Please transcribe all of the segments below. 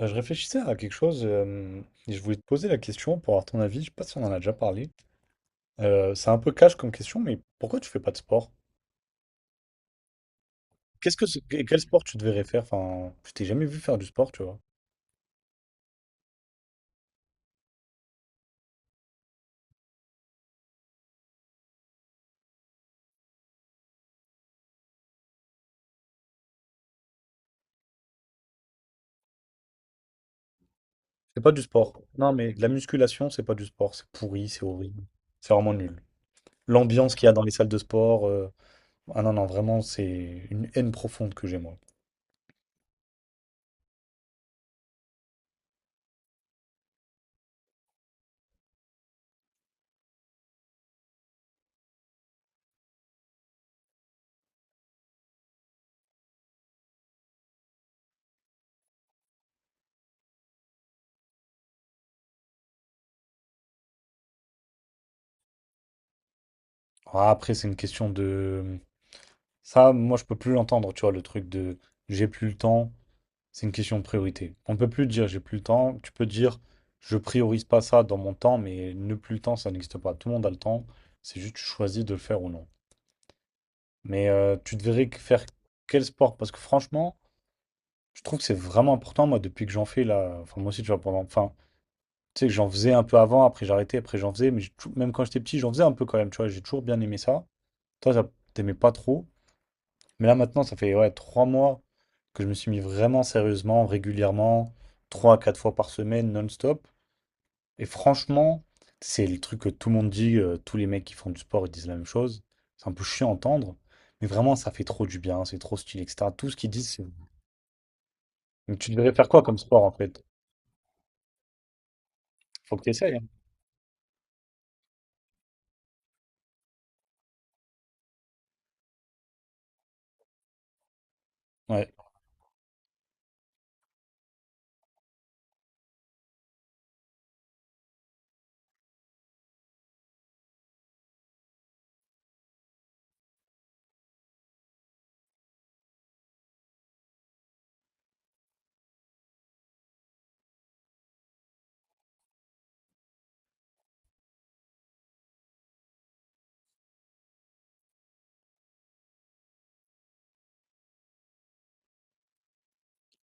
Je réfléchissais à quelque chose et je voulais te poser la question pour avoir ton avis. Je sais pas si on en a déjà parlé. C'est un peu cash comme question, mais pourquoi tu fais pas de sport? Qu'est-ce que quel sport tu devrais faire? Enfin, je t'ai jamais vu faire du sport, tu vois. C'est pas du sport. Non, mais de la musculation, c'est pas du sport. C'est pourri, c'est horrible. C'est vraiment nul. L'ambiance qu'il y a dans les salles de sport. Ah non, non, vraiment, c'est une haine profonde que j'ai, moi. Ah, après, c'est une question de... Ça, moi, je peux plus l'entendre, tu vois, le truc de j'ai plus le temps, c'est une question de priorité. On ne peut plus dire j'ai plus le temps, tu peux dire je priorise pas ça dans mon temps, mais ne plus le temps, ça n'existe pas. Tout le monde a le temps, c'est juste tu choisis de le faire ou non. Mais tu devrais faire quel sport? Parce que franchement, je trouve que c'est vraiment important, moi, depuis que j'en fais là, enfin, moi aussi, tu vois, pendant... Enfin, tu sais que j'en faisais un peu avant, après j'arrêtais, après j'en faisais, mais même quand j'étais petit, j'en faisais un peu quand même, tu vois, j'ai toujours bien aimé ça. Toi, t'aimais pas trop. Mais là maintenant, ça fait ouais, 3 mois que je me suis mis vraiment sérieusement, régulièrement, 3 à 4 fois par semaine, non-stop. Et franchement, c'est le truc que tout le monde dit, tous les mecs qui font du sport, ils disent la même chose. C'est un peu chiant à entendre, mais vraiment, ça fait trop du bien, c'est trop stylé, etc. Tout ce qu'ils disent, c'est... Donc tu devrais faire quoi comme sport en fait? Faut que tu essayes. Ouais.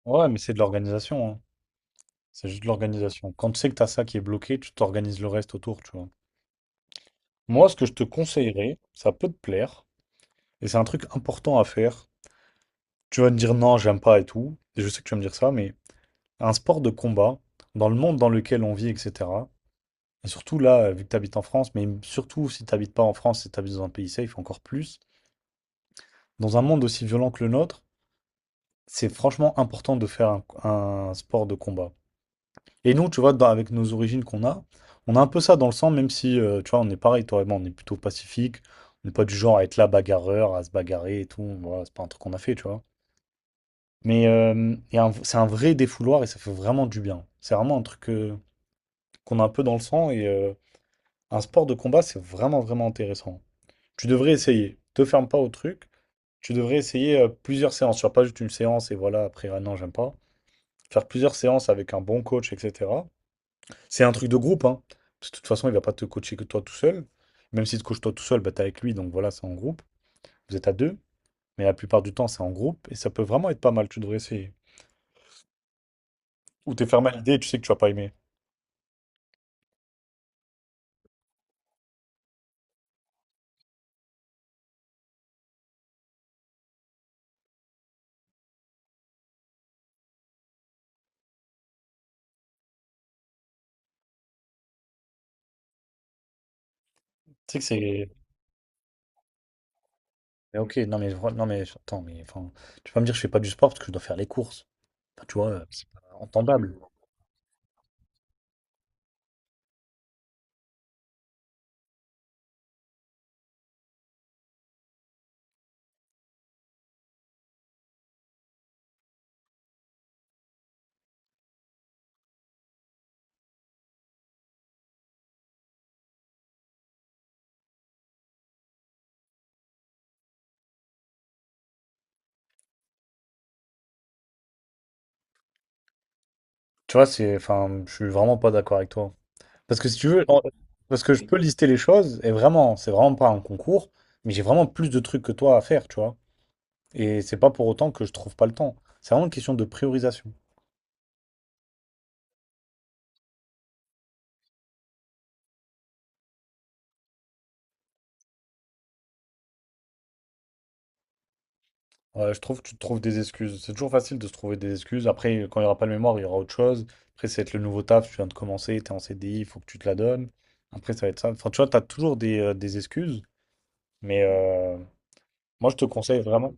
Ouais, mais c'est de l'organisation, hein. C'est juste de l'organisation. Quand tu sais que tu as ça qui est bloqué, tu t'organises le reste autour, tu vois. Moi, ce que je te conseillerais, ça peut te plaire, et c'est un truc important à faire, tu vas me dire non, j'aime pas et tout. Et je sais que tu vas me dire ça, mais un sport de combat, dans le monde dans lequel on vit, etc. Et surtout là, vu que tu habites en France, mais surtout si tu n'habites pas en France, si tu habites dans un pays safe, encore plus, dans un monde aussi violent que le nôtre, c'est franchement important de faire un sport de combat. Et nous, tu vois, avec nos origines qu'on a, on a un peu ça dans le sang, même si, tu vois, on est pareil, toi et moi, on est plutôt pacifique, on n'est pas du genre à être là bagarreur, à se bagarrer et tout. Voilà, c'est pas un truc qu'on a fait, tu vois. C'est un vrai défouloir et ça fait vraiment du bien. C'est vraiment un truc qu'on a un peu dans le sang et un sport de combat, c'est vraiment, vraiment intéressant. Tu devrais essayer. Te ferme pas au truc. Tu devrais essayer plusieurs séances. Tu vas pas juste une séance et voilà, après, ah non, j'aime pas. Faire plusieurs séances avec un bon coach, etc. C'est un truc de groupe, hein. Parce que de toute façon, il va pas te coacher que toi tout seul. Même si tu te coaches toi tout seul, bah, t'es avec lui, donc voilà, c'est en groupe. Vous êtes à deux. Mais la plupart du temps, c'est en groupe et ça peut vraiment être pas mal. Tu devrais essayer. Ou t'es fermé à l'idée et tu sais que tu vas pas aimer. Tu sais que c'est. Mais ok, non mais attends, mais enfin, tu vas pas me dire que je fais pas du sport parce que je dois faire les courses. Enfin, tu vois, c'est pas entendable. Tu vois, c'est. Enfin, je suis vraiment pas d'accord avec toi. Parce que si tu veux, parce que je peux lister les choses, et vraiment, c'est vraiment pas un concours, mais j'ai vraiment plus de trucs que toi à faire, tu vois. Et c'est pas pour autant que je trouve pas le temps. C'est vraiment une question de priorisation. Ouais, je trouve que tu te trouves des excuses. C'est toujours facile de se trouver des excuses. Après, quand il n'y aura pas le mémoire, il y aura autre chose. Après, ça va être le nouveau taf, tu viens de commencer, t'es en CDI, il faut que tu te la donnes. Après, ça va être ça. Enfin, tu vois, t'as toujours des excuses, mais moi, je te conseille vraiment.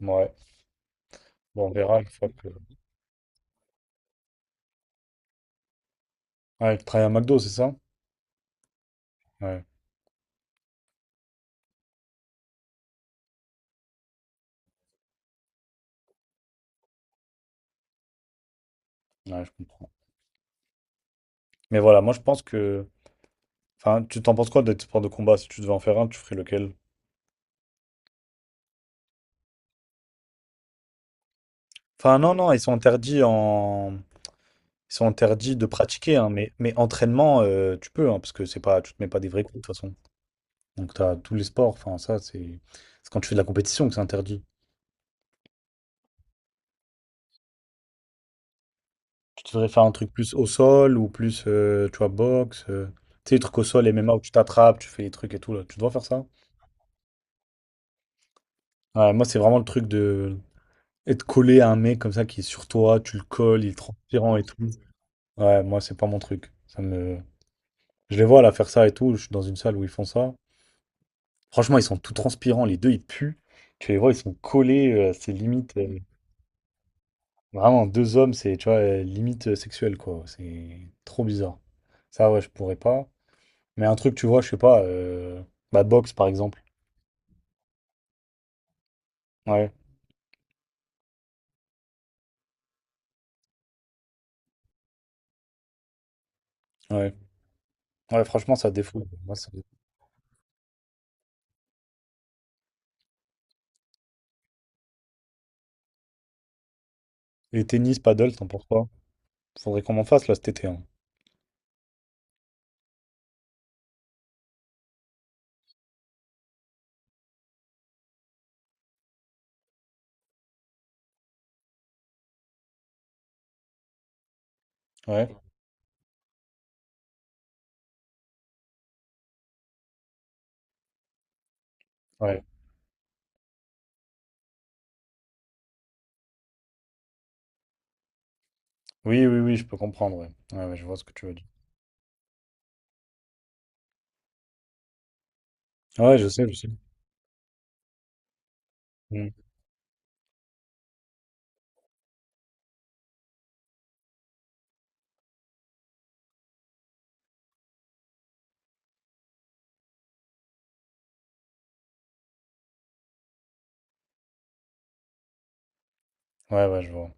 Ouais, bon, on verra une fois que. Ah, il travaille à McDo, c'est ça? Ouais. Ouais, je comprends. Mais voilà, moi je pense que. Enfin, tu t'en penses quoi des sports de combat? Si tu devais en faire un, tu ferais lequel? Enfin, non, non, ils sont interdits en. Ils sont interdits de pratiquer, hein, mais entraînement, tu peux, hein, parce que c'est pas, tu te mets pas des vrais coups de toute façon. Donc, tu as tous les sports, enfin, ça, c'est quand tu fais de la compétition que c'est interdit. Tu devrais faire un truc plus au sol ou plus, tu vois, boxe. Tu sais, les trucs au sol, MMA où tu t'attrapes, tu fais les trucs et tout, là. Tu dois faire ça. Ouais, moi, c'est vraiment le truc de être collé à un mec comme ça qui est sur toi, tu le colles, il est transpirant et tout. Ouais, moi, c'est pas mon truc. Ça me... Je les vois là faire ça et tout. Je suis dans une salle où ils font ça. Franchement, ils sont tout transpirants. Les deux, ils puent. Tu les vois, ils sont collés. C'est limite. Vraiment, deux hommes, c'est, tu vois, limite sexuel, quoi. C'est trop bizarre. Ça, ouais, je pourrais pas. Mais un truc, tu vois, je sais pas, bah, boxe par exemple. Ouais, ouais. Ouais, franchement, ça défoule. Moi, ça- Et tennis, paddle, t'en penses quoi? Faudrait qu'on en fasse là cet été. Hein. Ouais, ouais. Oui, oui, oui, je peux comprendre. Ouais, ouais, ouais, je vois ce que tu veux dire. Ouais, je sais, je sais. Mm. Ouais, ouais, je vois.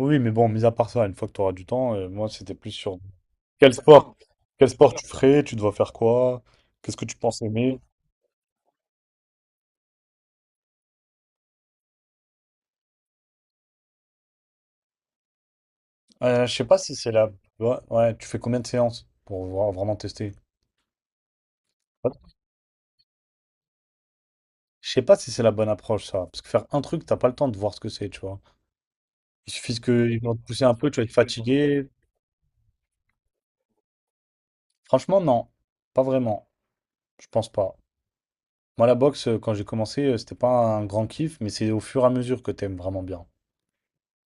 Oui, mais bon, mis à part ça, une fois que tu auras du temps, moi, c'était plus sur quel sport, quel sport tu ferais, tu dois faire quoi, qu'est-ce que tu penses aimer. Je sais pas si c'est là. Ouais, ouais, tu fais combien de séances pour vraiment tester? Je sais pas si c'est la bonne approche, ça. Parce que faire un truc, t'as pas le temps de voir ce que c'est, tu vois. Il suffit qu'ils vont te pousser un peu, tu vas être fatigué. Franchement, non. Pas vraiment. Je pense pas. Moi, la boxe, quand j'ai commencé, c'était pas un grand kiff, mais c'est au fur et à mesure que t'aimes vraiment bien.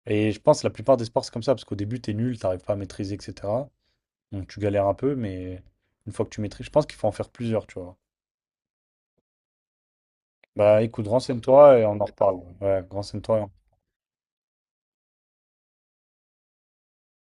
Et je pense que la plupart des sports, c'est comme ça, parce qu'au début, t'es nul, t'arrives pas à maîtriser, etc. Donc tu galères un peu, mais une fois que tu maîtrises, je pense qu'il faut en faire plusieurs, tu vois. Bah écoute, renseigne-toi et on en reparle. Ouais, renseigne-toi et on